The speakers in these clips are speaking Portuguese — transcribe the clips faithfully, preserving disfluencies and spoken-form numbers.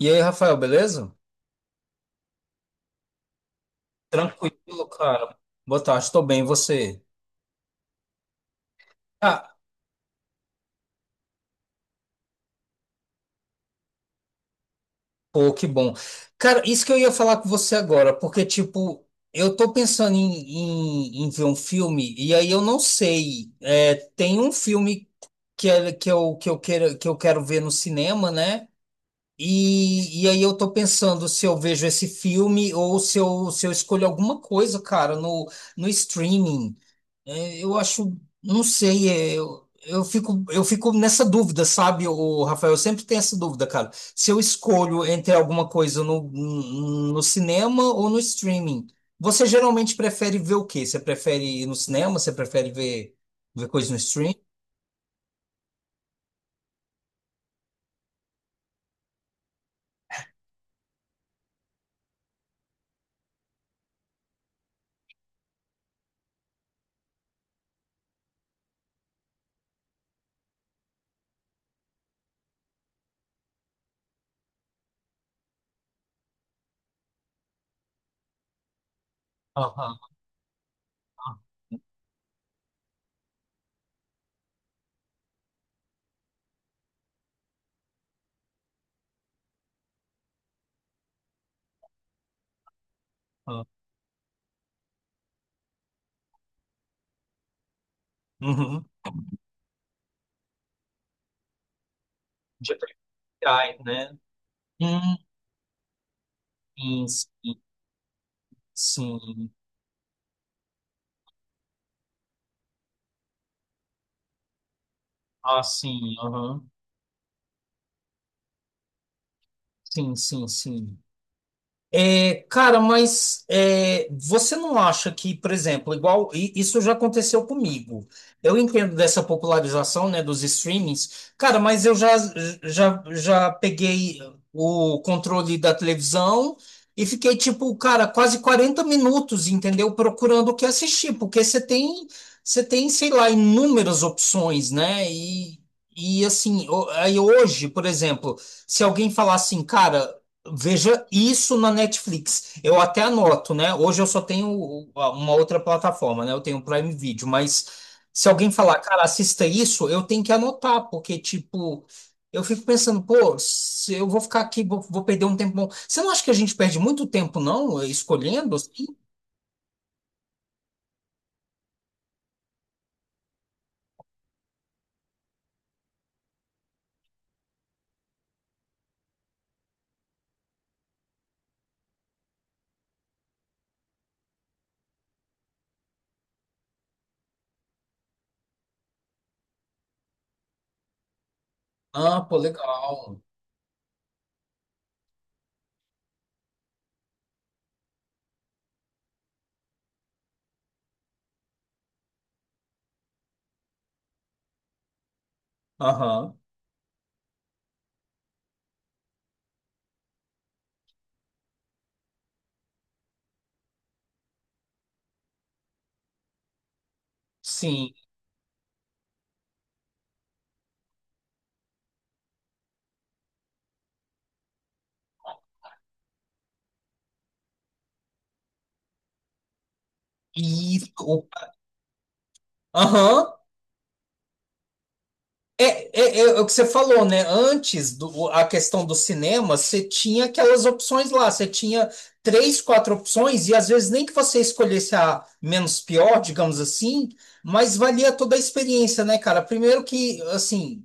E aí, Rafael, beleza? Tranquilo, cara. Boa tarde, estou bem, e você? Ah, pô, que bom. Cara, isso que eu ia falar com você agora, porque, tipo, eu tô pensando em, em, em ver um filme, e aí eu não sei. É, tem um filme que, é, que, eu, que, eu quero, que eu quero ver no cinema, né? E, e aí eu tô pensando se eu vejo esse filme ou se eu, se eu escolho alguma coisa, cara, no, no streaming. É, eu acho, não sei, é, eu, eu fico, eu fico nessa dúvida, sabe, o Rafael? Eu sempre tenho essa dúvida, cara. Se eu escolho entre alguma coisa no, no cinema ou no streaming, você geralmente prefere ver o quê? Você prefere ir no cinema? Você prefere ver, ver coisa no streaming? Aham, aham. Uhum. De prioridade, né? Hum, sim, sim. Ah, sim, aham. Sim, sim, sim. É, cara, mas é, você não acha que, por exemplo, igual e isso já aconteceu comigo. Eu entendo dessa popularização, né, dos streamings, cara, mas eu já, já, já peguei o controle da televisão e fiquei, tipo, cara, quase quarenta minutos, entendeu? Procurando o que assistir, porque você tem, você tem, sei lá, inúmeras opções, né? E, e assim, o- aí hoje, por exemplo, se alguém falar assim, cara. Veja isso na Netflix. Eu até anoto, né? Hoje eu só tenho uma outra plataforma, né? Eu tenho o Prime Video, mas se alguém falar, cara, assista isso, eu tenho que anotar, porque, tipo, eu fico pensando, pô, se eu vou ficar aqui, vou, vou perder um tempo bom. Você não acha que a gente perde muito tempo, não, escolhendo assim? Ah, pô, legal. Aham, sim. E o. Aham. É, é- é o que você falou, né? Antes do, o- a questão do cinema, você tinha aquelas opções lá, você tinha três, quatro opções, e às vezes nem que você escolhesse a menos pior, digamos assim, mas valia toda a experiência, né, cara? Primeiro que, assim,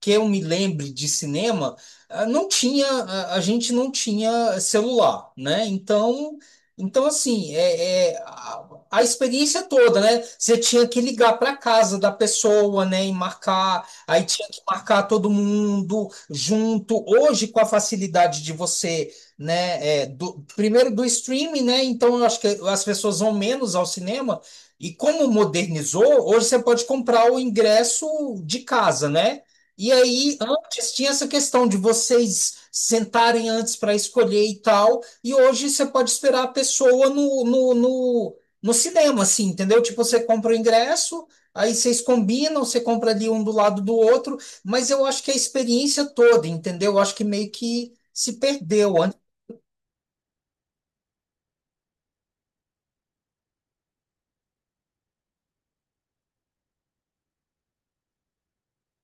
que eu me lembre de cinema, ah, não tinha, a a gente não tinha celular, né? Então, então assim, é, é, a, a experiência toda, né? Você tinha que ligar para casa da pessoa, né? E marcar, aí tinha que marcar todo mundo junto. Hoje, com a facilidade de você, né? É, do- primeiro do streaming, né? Então, eu acho que as pessoas vão menos ao cinema. E como modernizou, hoje você pode comprar o ingresso de casa, né? E aí, antes tinha essa questão de vocês sentarem antes para escolher e tal, e hoje você pode esperar a pessoa no, no, no, no cinema, assim, entendeu? Tipo, você compra o ingresso, aí vocês combinam, você compra ali um do lado do outro, mas eu acho que a experiência toda, entendeu? Eu acho que meio que se perdeu.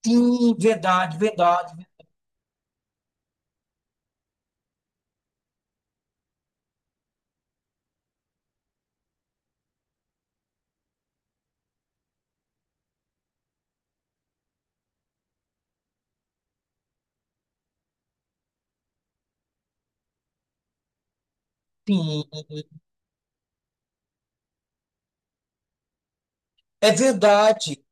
Sim, verdade, verdade, sim, é verdade.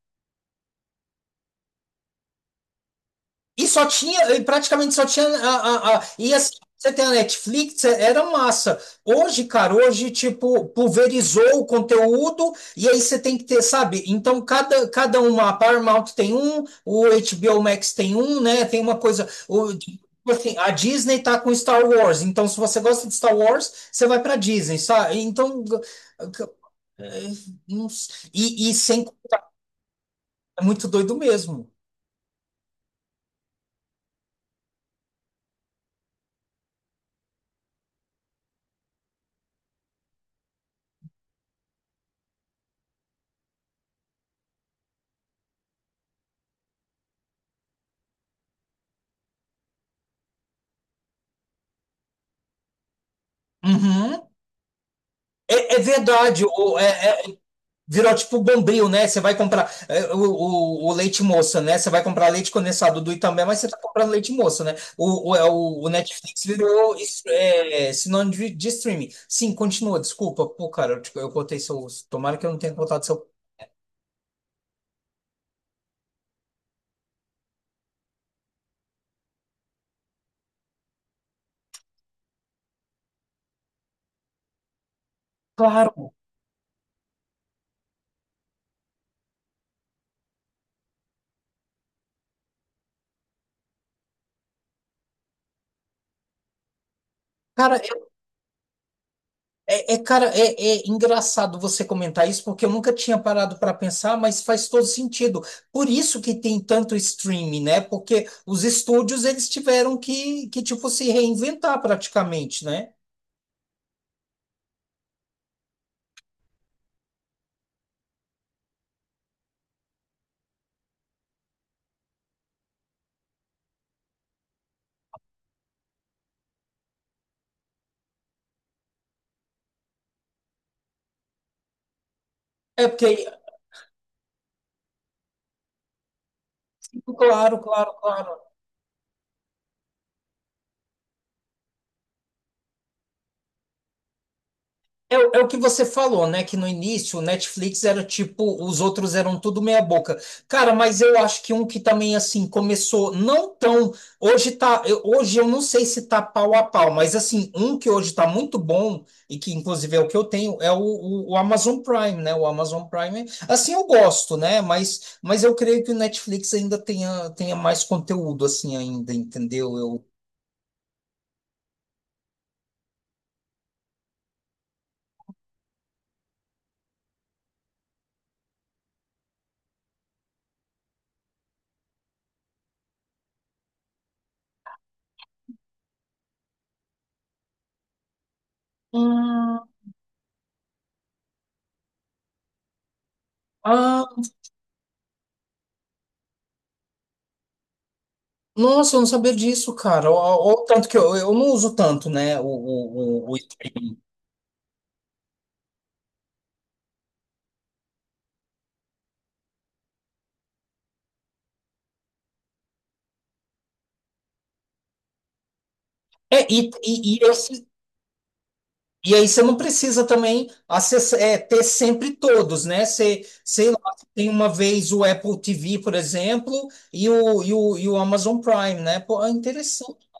E só tinha, e praticamente só tinha. A, a, a- e assim, você tem a Netflix, é- era massa. Hoje, cara, hoje, tipo, pulverizou o conteúdo, e aí você tem que ter, sabe? Então, cada, cada uma, a Paramount tem um, o H B O Max tem um, né? Tem uma coisa. O, tipo assim, a Disney tá com Star Wars, então se você gosta de Star Wars, você vai pra Disney, sabe? Então, é, não sei. E, e sem. É muito doido mesmo. Uhum. É, é verdade, o- é, é, virou tipo bombril, né? Você vai comprar é, o, o, o leite moça, né? Você vai comprar leite condensado do Itambé, mas você tá comprando leite moça, né? O, o, é, o- o Netflix virou es- é, sinônimo de, de streaming. Sim, continua, desculpa. Pô, cara, eu, tipo, eu cortei seu. Tomara que eu não tenha cortado seu. Claro! Cara, É, é, cara, é, é engraçado você comentar isso, porque eu nunca tinha parado para pensar, mas faz todo sentido. Por isso que tem tanto streaming, né? Porque os estúdios, eles tiveram que, que tipo, se reinventar praticamente, né? É porque, claro, claro, claro. É, o é o que você falou, né? Que no início o Netflix era tipo, os outros eram tudo meia boca. Cara, mas eu acho que um que também assim começou não tão. Hoje tá. eu- hoje eu não sei se tá pau a pau, mas assim, um que hoje tá muito bom, e que inclusive é o que eu tenho, é o, o, o Amazon Prime, né? O Amazon Prime. Assim eu gosto, né? Mas, mas eu creio que o Netflix ainda tenha, tenha mais conteúdo, assim, ainda, entendeu? Eu. Hum, Ah, nossa, eu não sabia disso, cara. O, o- o tanto que eu, eu não uso tanto, né? O, o, o- o- É, e, e, e, esse- e aí você não precisa também acessar, é, ter sempre todos, né? Você, sei lá, tem uma vez o Apple T V, por exemplo, e o, e o, e o Amazon Prime, né? Pô, é interessante.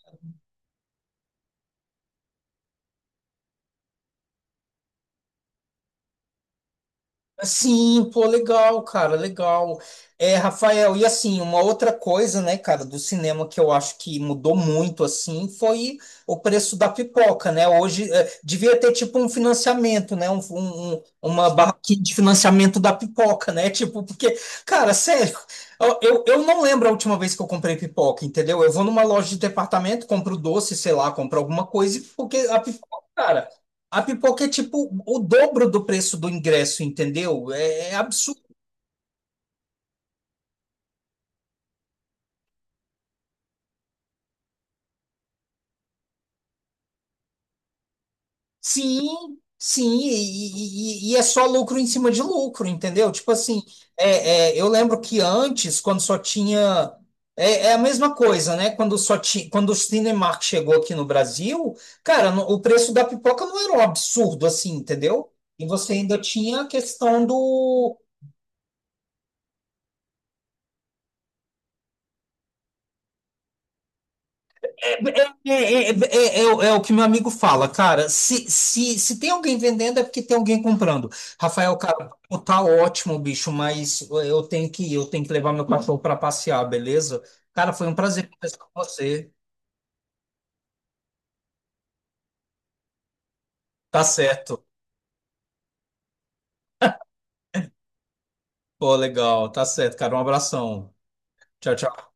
Sim, pô, legal, cara, legal. É, Rafael, e assim, uma outra coisa, né, cara, do cinema que eu acho que mudou muito, assim, foi o preço da pipoca, né? Hoje, é, devia ter, tipo, um financiamento, né? Um, um- um, uma barraquinha de financiamento da pipoca, né? Tipo, porque, cara, sério, eu, eu eu não lembro a última vez que eu comprei pipoca, entendeu? Eu vou numa loja de departamento, compro doce, sei lá, compro alguma coisa, porque a pipoca, cara. A pipoca é tipo o dobro do preço do ingresso, entendeu? É, é absurdo. Sim, sim, e, e- e é só lucro em cima de lucro, entendeu? Tipo assim, é, é, eu lembro que antes, quando só tinha. É, é a mesma coisa, né? Quando só tinha, quando o Cinemark chegou aqui no Brasil, cara, no- o preço da pipoca não era um absurdo assim, entendeu? E você ainda tinha a questão do. É, é, é, é é é o é o que meu amigo fala, cara. Se, se, se tem alguém vendendo, é porque tem alguém comprando. Rafael, cara, pô, tá ótimo, bicho, mas eu tenho que ir, eu tenho que levar meu cachorro pra passear, beleza? Cara, foi um prazer conversar com você. Tá certo. Pô, legal, tá certo, cara. Um abração. Tchau, tchau.